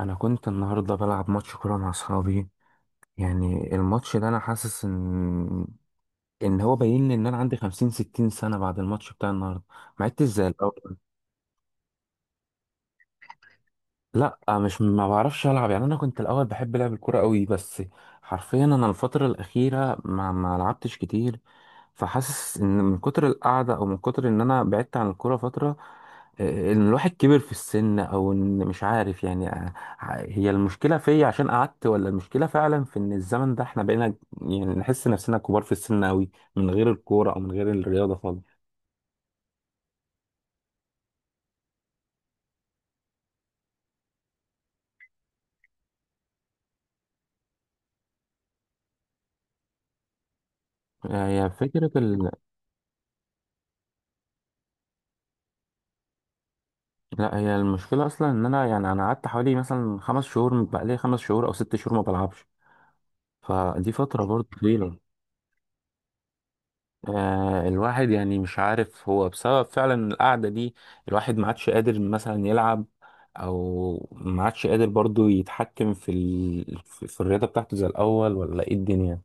انا كنت النهارده بلعب ماتش كوره مع اصحابي. يعني الماتش ده انا حاسس ان هو باين لي ان انا عندي 50 60 سنه بعد الماتش بتاع النهارده. ما عدتش زي الاول. لا، مش ما بعرفش العب، يعني انا كنت الاول بحب لعب الكوره قوي، بس حرفيا انا الفتره الاخيره ما لعبتش كتير. فحاسس ان من كتر القعده او من كتر ان انا بعدت عن الكوره فتره، ان الواحد كبر في السن او ان مش عارف، يعني هي المشكله فيا عشان قعدت ولا المشكله فعلا في ان الزمن ده احنا بقينا يعني نحس نفسنا كبار في السن قوي من غير الكوره او من غير الرياضه خالص. هي فكرة ال- لا، هي المشكلة أصلا إن أنا، يعني أنا قعدت حوالي مثلا 5 شهور، بقالي 5 شهور أو 6 شهور ما بلعبش. فدي فترة برضه طويلة. آه، الواحد يعني مش عارف هو بسبب فعلا القعدة دي الواحد ما عادش قادر مثلا يلعب، أو ما عادش قادر برضه يتحكم في ال... في في الرياضة بتاعته زي الأول، ولا إيه الدنيا؟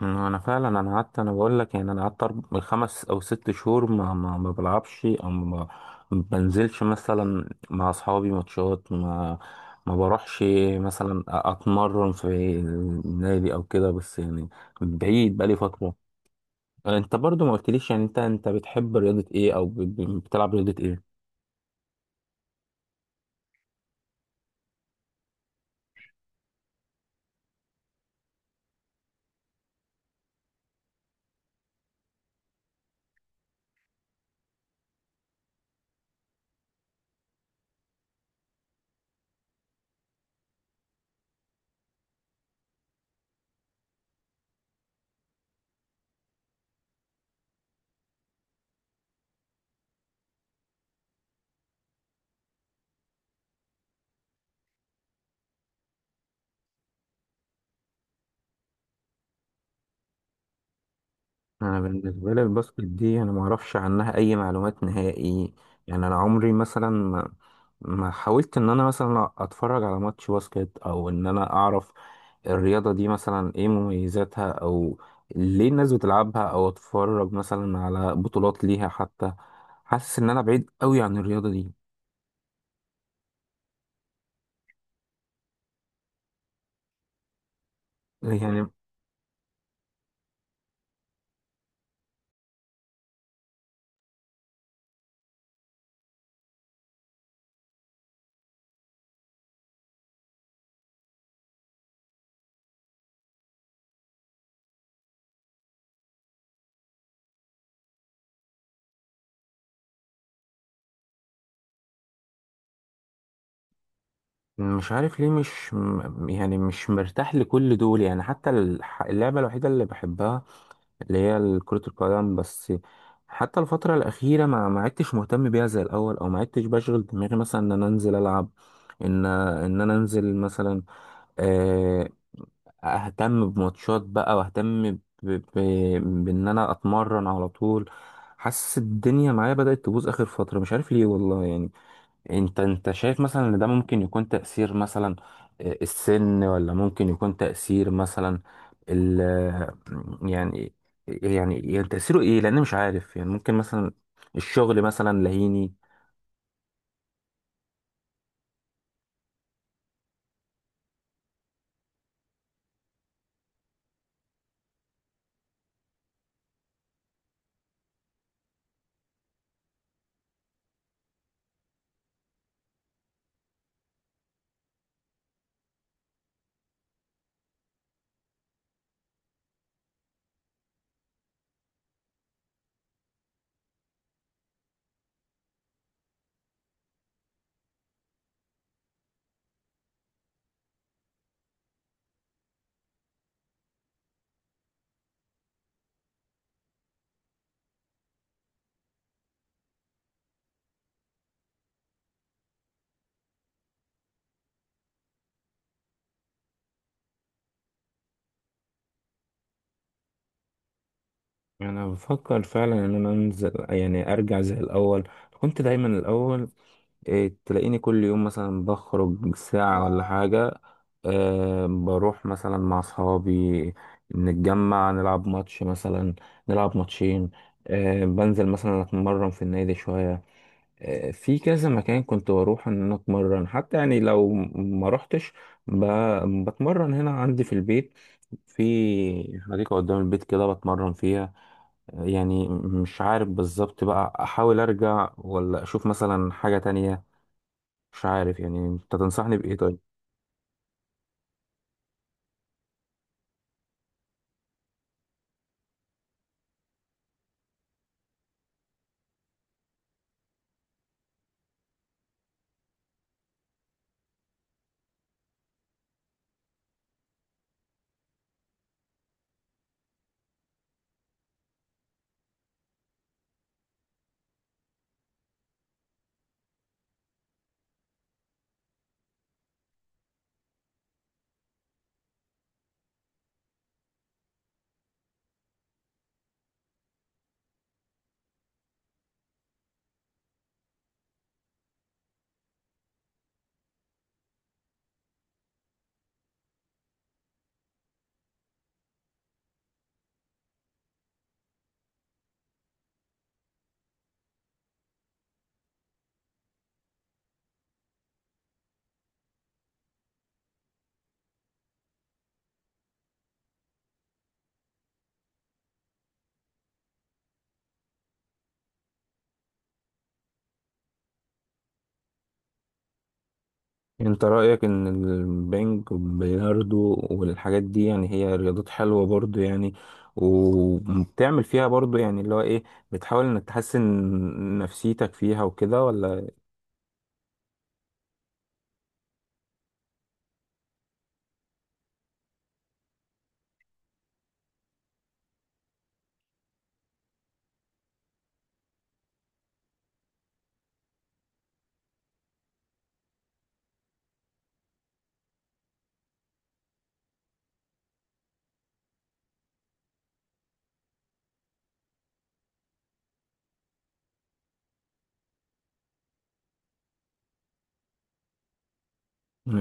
ما انا فعلا، انا قعدت، انا بقول لك يعني انا قعدت 5 او 6 شهور ما بلعبش، او ما بنزلش مثلا مع اصحابي ماتشات، ما بروحش مثلا اتمرن في النادي او كده، بس يعني بعيد بقالي فترة. انت برضو ما قلتليش، يعني انت بتحب رياضة ايه، او بتلعب رياضة ايه؟ انا بالنسبه لي الباسكت دي انا ما اعرفش عنها اي معلومات نهائي. يعني انا عمري مثلا ما حاولت ان انا مثلا اتفرج على ماتش باسكت، او ان انا اعرف الرياضه دي مثلا ايه مميزاتها، او ليه الناس بتلعبها، او اتفرج مثلا على بطولات ليها حتى. حاسس ان انا بعيد قوي عن الرياضه دي. يعني مش عارف ليه، مش م- يعني مش مرتاح لكل دول. يعني حتى اللعبة الوحيدة اللي بحبها اللي هي كرة القدم بس، حتى الفترة الأخيرة ما عدتش مهتم بيها زي الأول، أو ما عدتش بشغل دماغي مثلا إن أنا أنزل ألعب، إن أنا أنزل مثلا، آه، أهتم بماتشات بقى، وأهتم بإن أنا أتمرن على طول. حاسس الدنيا معايا بدأت تبوظ آخر فترة، مش عارف ليه والله. يعني انت شايف مثلا ان ده ممكن يكون تأثير مثلا السن، ولا ممكن يكون تأثير مثلا ال آه، يعني يعني يعني تأثيره ايه؟ لان مش عارف، يعني ممكن مثلا الشغل مثلا لهيني. انا بفكر فعلا ان انا انزل، يعني ارجع زي الاول. كنت دايما الاول إيه، تلاقيني كل يوم مثلا بخرج ساعة ولا حاجة، أه بروح مثلا مع أصحابي نتجمع نلعب ماتش مثلا، نلعب ماتشين، أه بنزل مثلا أتمرن في النادي شوية، أه في كذا مكان كنت بروح إن أنا أتمرن حتى، يعني لو ما روحتش بتمرن هنا عندي في البيت، في حديقة قدام البيت كده بتمرن فيها. يعني مش عارف بالظبط بقى أحاول أرجع ولا أشوف مثلا حاجة تانية. مش عارف، يعني انت تنصحني بإيه طيب؟ انت رأيك ان البنج والبلياردو والحاجات دي، يعني هي رياضات حلوة برضو يعني، وبتعمل فيها برضو يعني، اللي هو ايه، بتحاول انك تحسن نفسيتك فيها وكده، ولا؟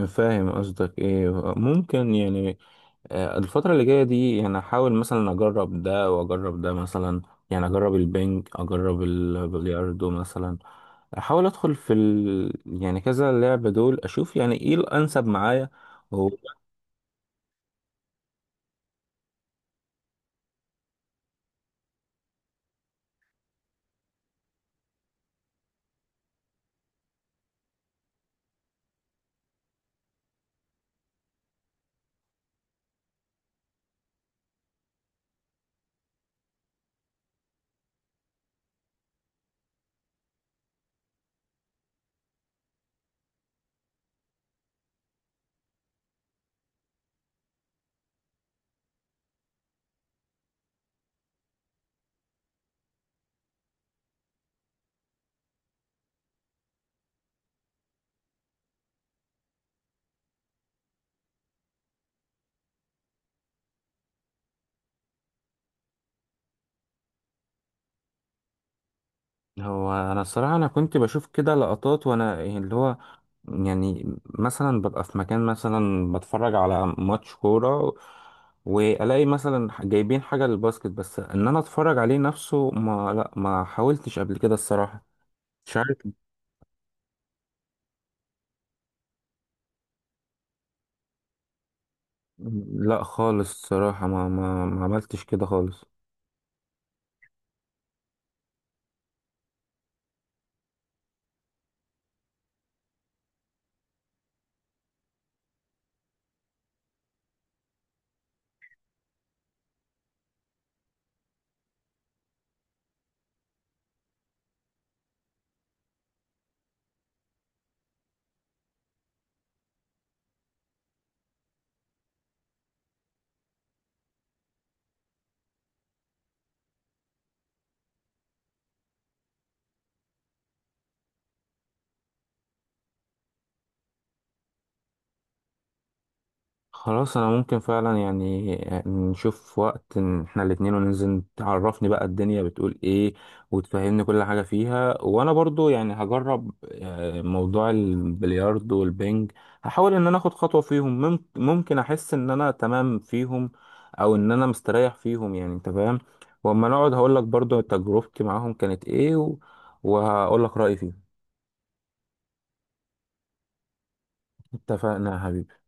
فاهم قصدك ايه. ممكن يعني الفترة اللي جاية دي يعني احاول مثلا اجرب ده واجرب ده مثلا، يعني اجرب البنج اجرب البلياردو مثلا، احاول ادخل في ال... يعني كذا لعبة دول اشوف يعني ايه الانسب معايا. هو انا الصراحه انا كنت بشوف كده لقطات، وانا يعني اللي هو يعني مثلا ببقى في مكان مثلا بتفرج على ماتش كوره، والاقي مثلا جايبين حاجه للباسكت، بس ان انا اتفرج عليه نفسه ما حاولتش قبل كده الصراحه. مش عارف. لا خالص الصراحه ما عملتش كده خالص. خلاص انا ممكن فعلا، يعني نشوف وقت إن احنا الاتنين وننزل، تعرفني بقى الدنيا بتقول ايه، وتفهمني كل حاجة فيها. وانا برضو يعني هجرب موضوع البلياردو والبنج، هحاول ان انا اخد خطوة فيهم، ممكن احس ان انا تمام فيهم، او ان انا مستريح فيهم، يعني انت فاهم. واما نقعد هقول لك برضو تجربتي معاهم كانت ايه، وهقول لك رأيي فيهم. اتفقنا يا حبيبي.